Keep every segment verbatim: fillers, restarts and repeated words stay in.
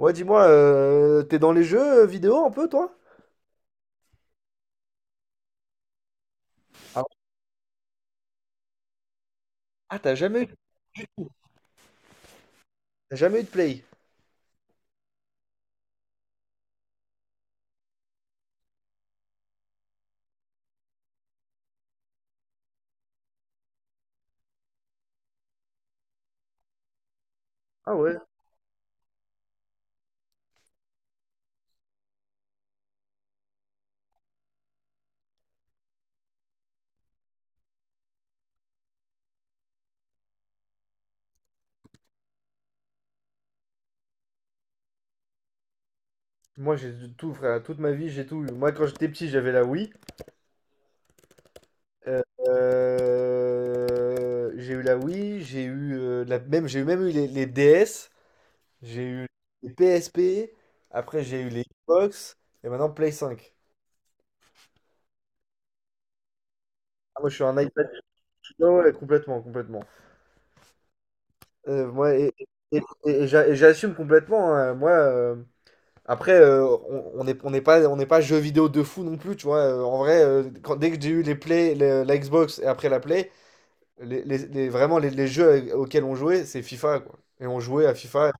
Ouais, dis-moi, euh, t'es dans les jeux euh, vidéo un peu, toi? Ah, ouais. Ah, t'as jamais eu, t'as jamais eu de Play? Ah ouais. Moi, j'ai de tout, frère. Toute ma vie, j'ai tout eu. Moi, quand j'étais petit, j'avais la Wii. Euh, euh, j'ai eu la Wii, j'ai eu euh, la, même, j'ai eu même eu les, les D S, j'ai eu les P S P, après j'ai eu les Xbox, et maintenant Play cinq. Ah, moi, je suis un iPad, ouais, ouais, complètement, complètement. Euh, moi, et, et- et- et j'a- et j'assume complètement, hein. moi, euh, Après, euh, on on n'est on n'est pas, on n'est pas jeu vidéo de fou non plus, tu vois. Euh, en vrai, euh, quand, dès que j'ai eu les Play, le- la Xbox et après la Play, les, les- les- vraiment les, les jeux avec- auxquels on jouait, c'est FIFA, quoi. Et on jouait à FIFA.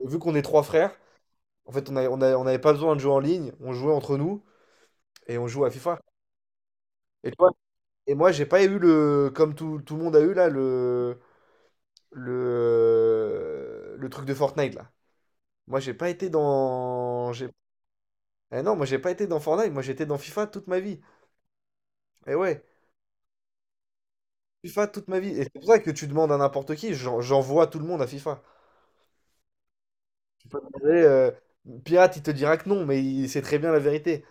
Et vu qu'on est trois frères, en fait, on a- on a- on n'avait pas besoin de jouer en ligne, on jouait entre nous et on jouait à FIFA. Et toi, et moi, j'ai pas eu le, comme tout, tout le monde a eu là, le, le, le truc de Fortnite là. Moi, j'ai pas été dans, j'ai, eh non, moi j'ai pas été dans Fortnite, moi j'étais dans FIFA toute ma vie. Et ouais. FIFA toute ma vie. Et c'est pour ça que tu demandes à n'importe qui, j'en- j'envoie tout le monde à FIFA. Tu peux demander, euh, Pirate, il te dira que non, mais il sait très bien la vérité.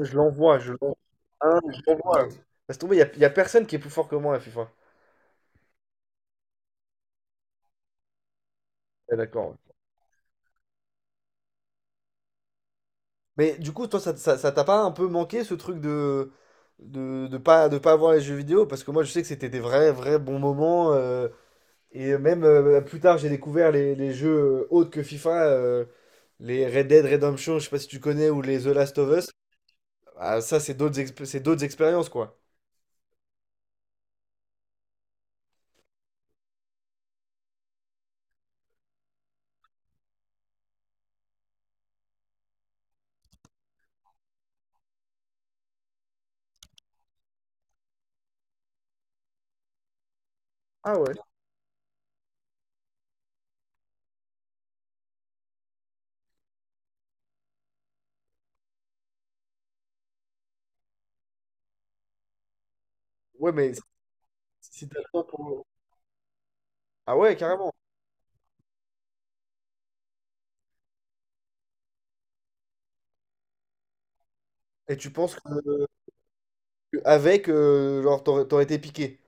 Je l'envoie, je l'envoie. Hein, je l'envoie. Laisse tomber, il n'y a, y a personne qui est plus fort que moi à FIFA. Ouais, d'accord. Ouais. Mais du coup, toi, ça ça- ça t'a pas un peu manqué ce truc de, de, de pas, de pas avoir les jeux vidéo? Parce que moi, je sais que c'était des vrais, vrais bons moments. Euh, et même euh, plus tard, j'ai découvert les, les jeux autres que FIFA. Euh, les Red Dead Redemption, je sais pas si tu connais, ou les The Last of Us. Ah, ça, c'est d'autres exp- c'est d'autres expériences, quoi. Ah ouais. Ouais, mais si t'as le temps pour. Ah ouais, carrément. Et tu penses que avec, euh, genre, t'aurais t'aurais été piqué.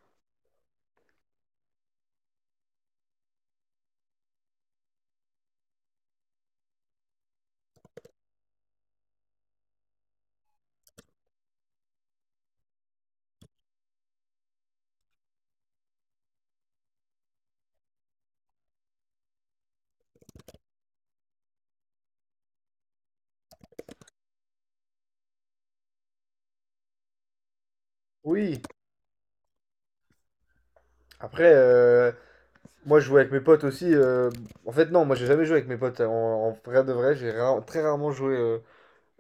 Oui. Après, euh, moi, je jouais avec mes potes aussi. euh, En fait, non, moi, j'ai jamais joué avec mes potes. En, en vrai de vrai, j'ai ra- très rarement joué euh,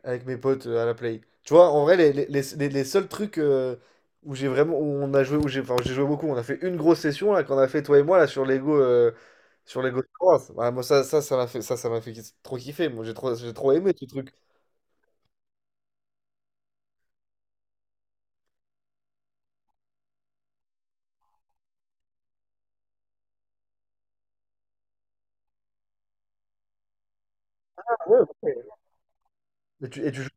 avec mes potes euh, à la play. Tu vois, en vrai, les, les, les, les- les seuls trucs euh, où j'ai vraiment, où on a joué, où j'ai, enfin, j'ai joué beaucoup. On a fait une grosse session là qu'on a fait toi et moi là sur Lego. euh, Sur les Ghost Wars. Ouais, moi, ça, ça, ça m'a fait, ça, ça m'a fait trop kiffer. Moi, j'ai trop, j'ai trop aimé ce truc. Ah ouais, ouais. Et tu, et tu joues.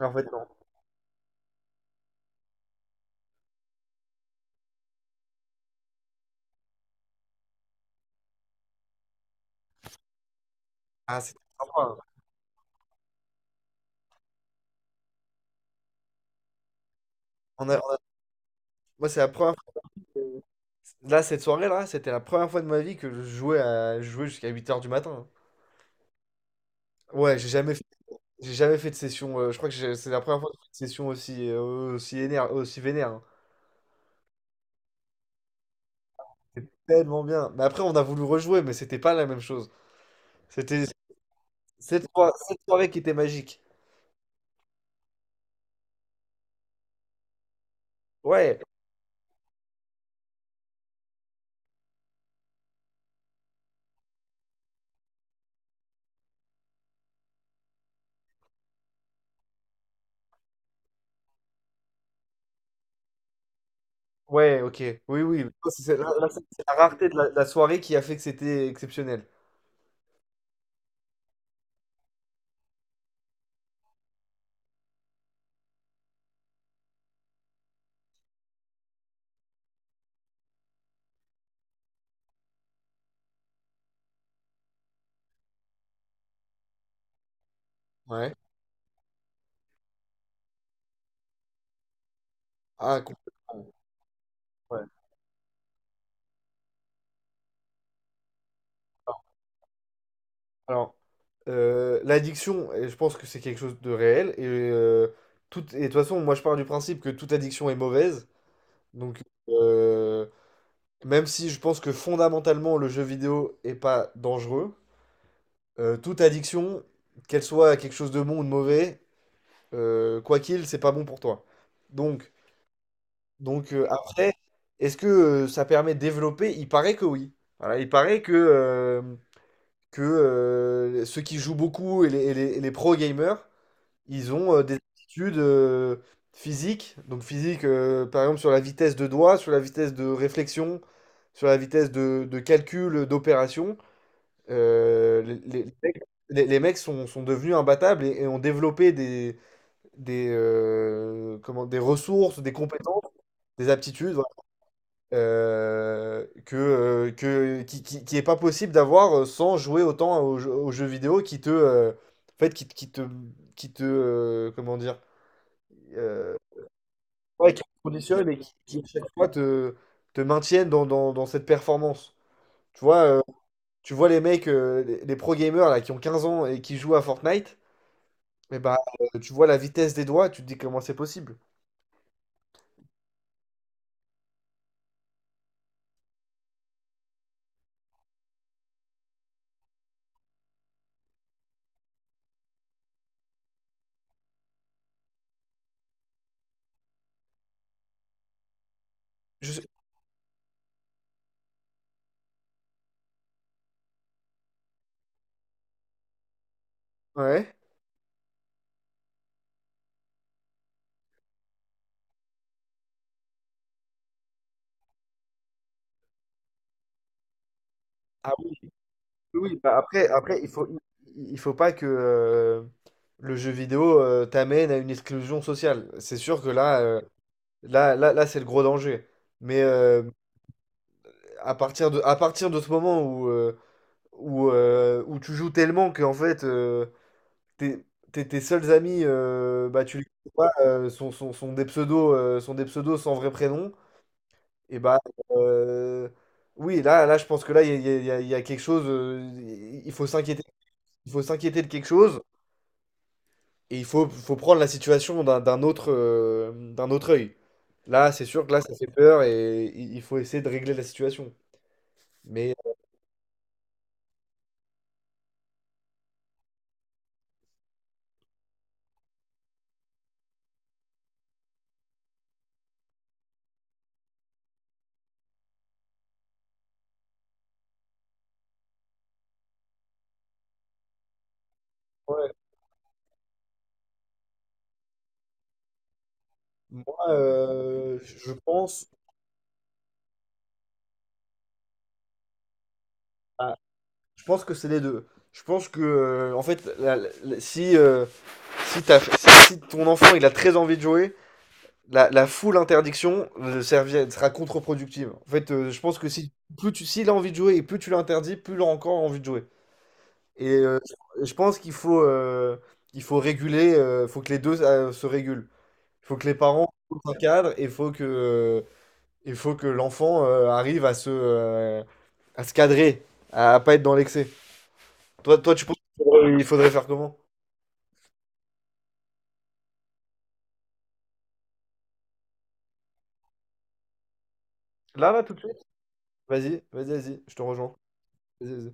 En fait, non. Ah, c'était sympa. On a, on a- Moi, c'est la première. Fois- Là, cette soirée-là, c'était la première fois de ma vie que je jouais à jouer jusqu'à huit heures du matin. Ouais, j'ai jamais fait, j'ai jamais fait de session. Euh, je crois que j'ai- c'est la première fois que j'ai fait une session aussi, euh, aussi, éner- aussi vénère. Hein. C'était tellement bien. Mais après, on a voulu rejouer, mais c'était pas la même chose. C'était cette, fois- cette soirée qui était magique. Ouais. Ouais, ok. Oui, oui. Ça, C'est c'est- là, là, c'est- c'est la rareté de la, la soirée qui a fait que c'était exceptionnel. Ouais. Ah, complètement. Ouais. Alors, euh, l'addiction, et je pense que c'est quelque chose de réel. Et, euh, tout, et de toute façon, moi, je pars du principe que toute addiction est mauvaise. Donc, euh, même si je pense que fondamentalement, le jeu vidéo est pas dangereux, euh, toute addiction, qu'elle soit quelque chose de bon ou de mauvais, euh, quoi qu'il, c'est pas bon pour toi. Donc, Donc euh, après, est-ce que euh, ça permet de développer? Il paraît que oui. Voilà, il paraît que, euh, que euh, ceux qui jouent beaucoup et les, et les- et les pro gamers, ils ont euh, des aptitudes euh, physiques. Donc physique, euh, par exemple sur la vitesse de doigt, sur la vitesse de réflexion, sur la vitesse de, de calcul, d'opération. Euh, les, les- les mecs les- les mecs sont, sont devenus imbattables et, et ont développé des, des, euh, comment, des ressources, des compétences, des aptitudes euh, que, euh, que, qui, qui, qui est pas possible d'avoir euh, sans jouer autant aux, jeux aux jeux vidéo qui te, euh, en fait, qui, te- qui te, qui te, euh, comment dire, euh, ouais, qui te conditionnent et qui, qui, à chaque fois te, te maintiennent dans, dans, dans cette performance. Tu vois, euh, tu vois les mecs, euh, les, les pro gamers là, qui ont quinze ans et qui jouent à Fortnite, et bah, euh, tu vois la vitesse des doigts, tu te dis comment c'est possible. Je sais- Ouais. Oui, oui, bah après, après, il faut, il faut pas que euh, le jeu vidéo euh, t'amène à une exclusion sociale. C'est sûr que là, euh, là, là, là, c'est le gros danger. Mais euh, à partir de, à partir de ce moment où, euh, où, euh, où tu joues tellement que en fait, euh, tes, tes, tes seuls amis, euh, bah, tu les connais pas, euh, sont, sont, sont des pseudos, euh, sont des pseudos sans vrai prénom, et bah, euh, oui, là, là, je pense que là, il y a, il y a- il y a- il y a quelque chose, euh, il faut s'inquiéter, il faut s'inquiéter de quelque chose. Et il faut, faut prendre la situation d'un d'un autre, euh, d'un autre œil. Là, c'est sûr que là, ça fait peur et il il faut essayer de régler la situation. Mais ouais, moi, euh, je pense, à- je pense que c'est les deux. Je pense que, euh, en fait, la- la- la- si, euh, si, t'as- si, si ton enfant il a très envie de jouer, la, la full interdiction euh, servi- sera contre-productive. En fait, euh, je pense que si plus tu, s'il a envie de jouer et plus tu l'interdis, plus il aura encore envie de jouer. Et euh, je pense qu'il faut, euh, il faut réguler, euh, faut que les deux euh, se régulent. Il faut que les parents posent un cadre et faut que, euh, il faut que l'enfant euh, arrive à se, euh, à se cadrer, à, à pas être dans l'excès. Toi, toi, tu penses qu'il faudrait, il faudrait faire comment? Là, là, tout de suite? Vas-y, vas-y, vas-y, je te rejoins. Vas-y, vas-y.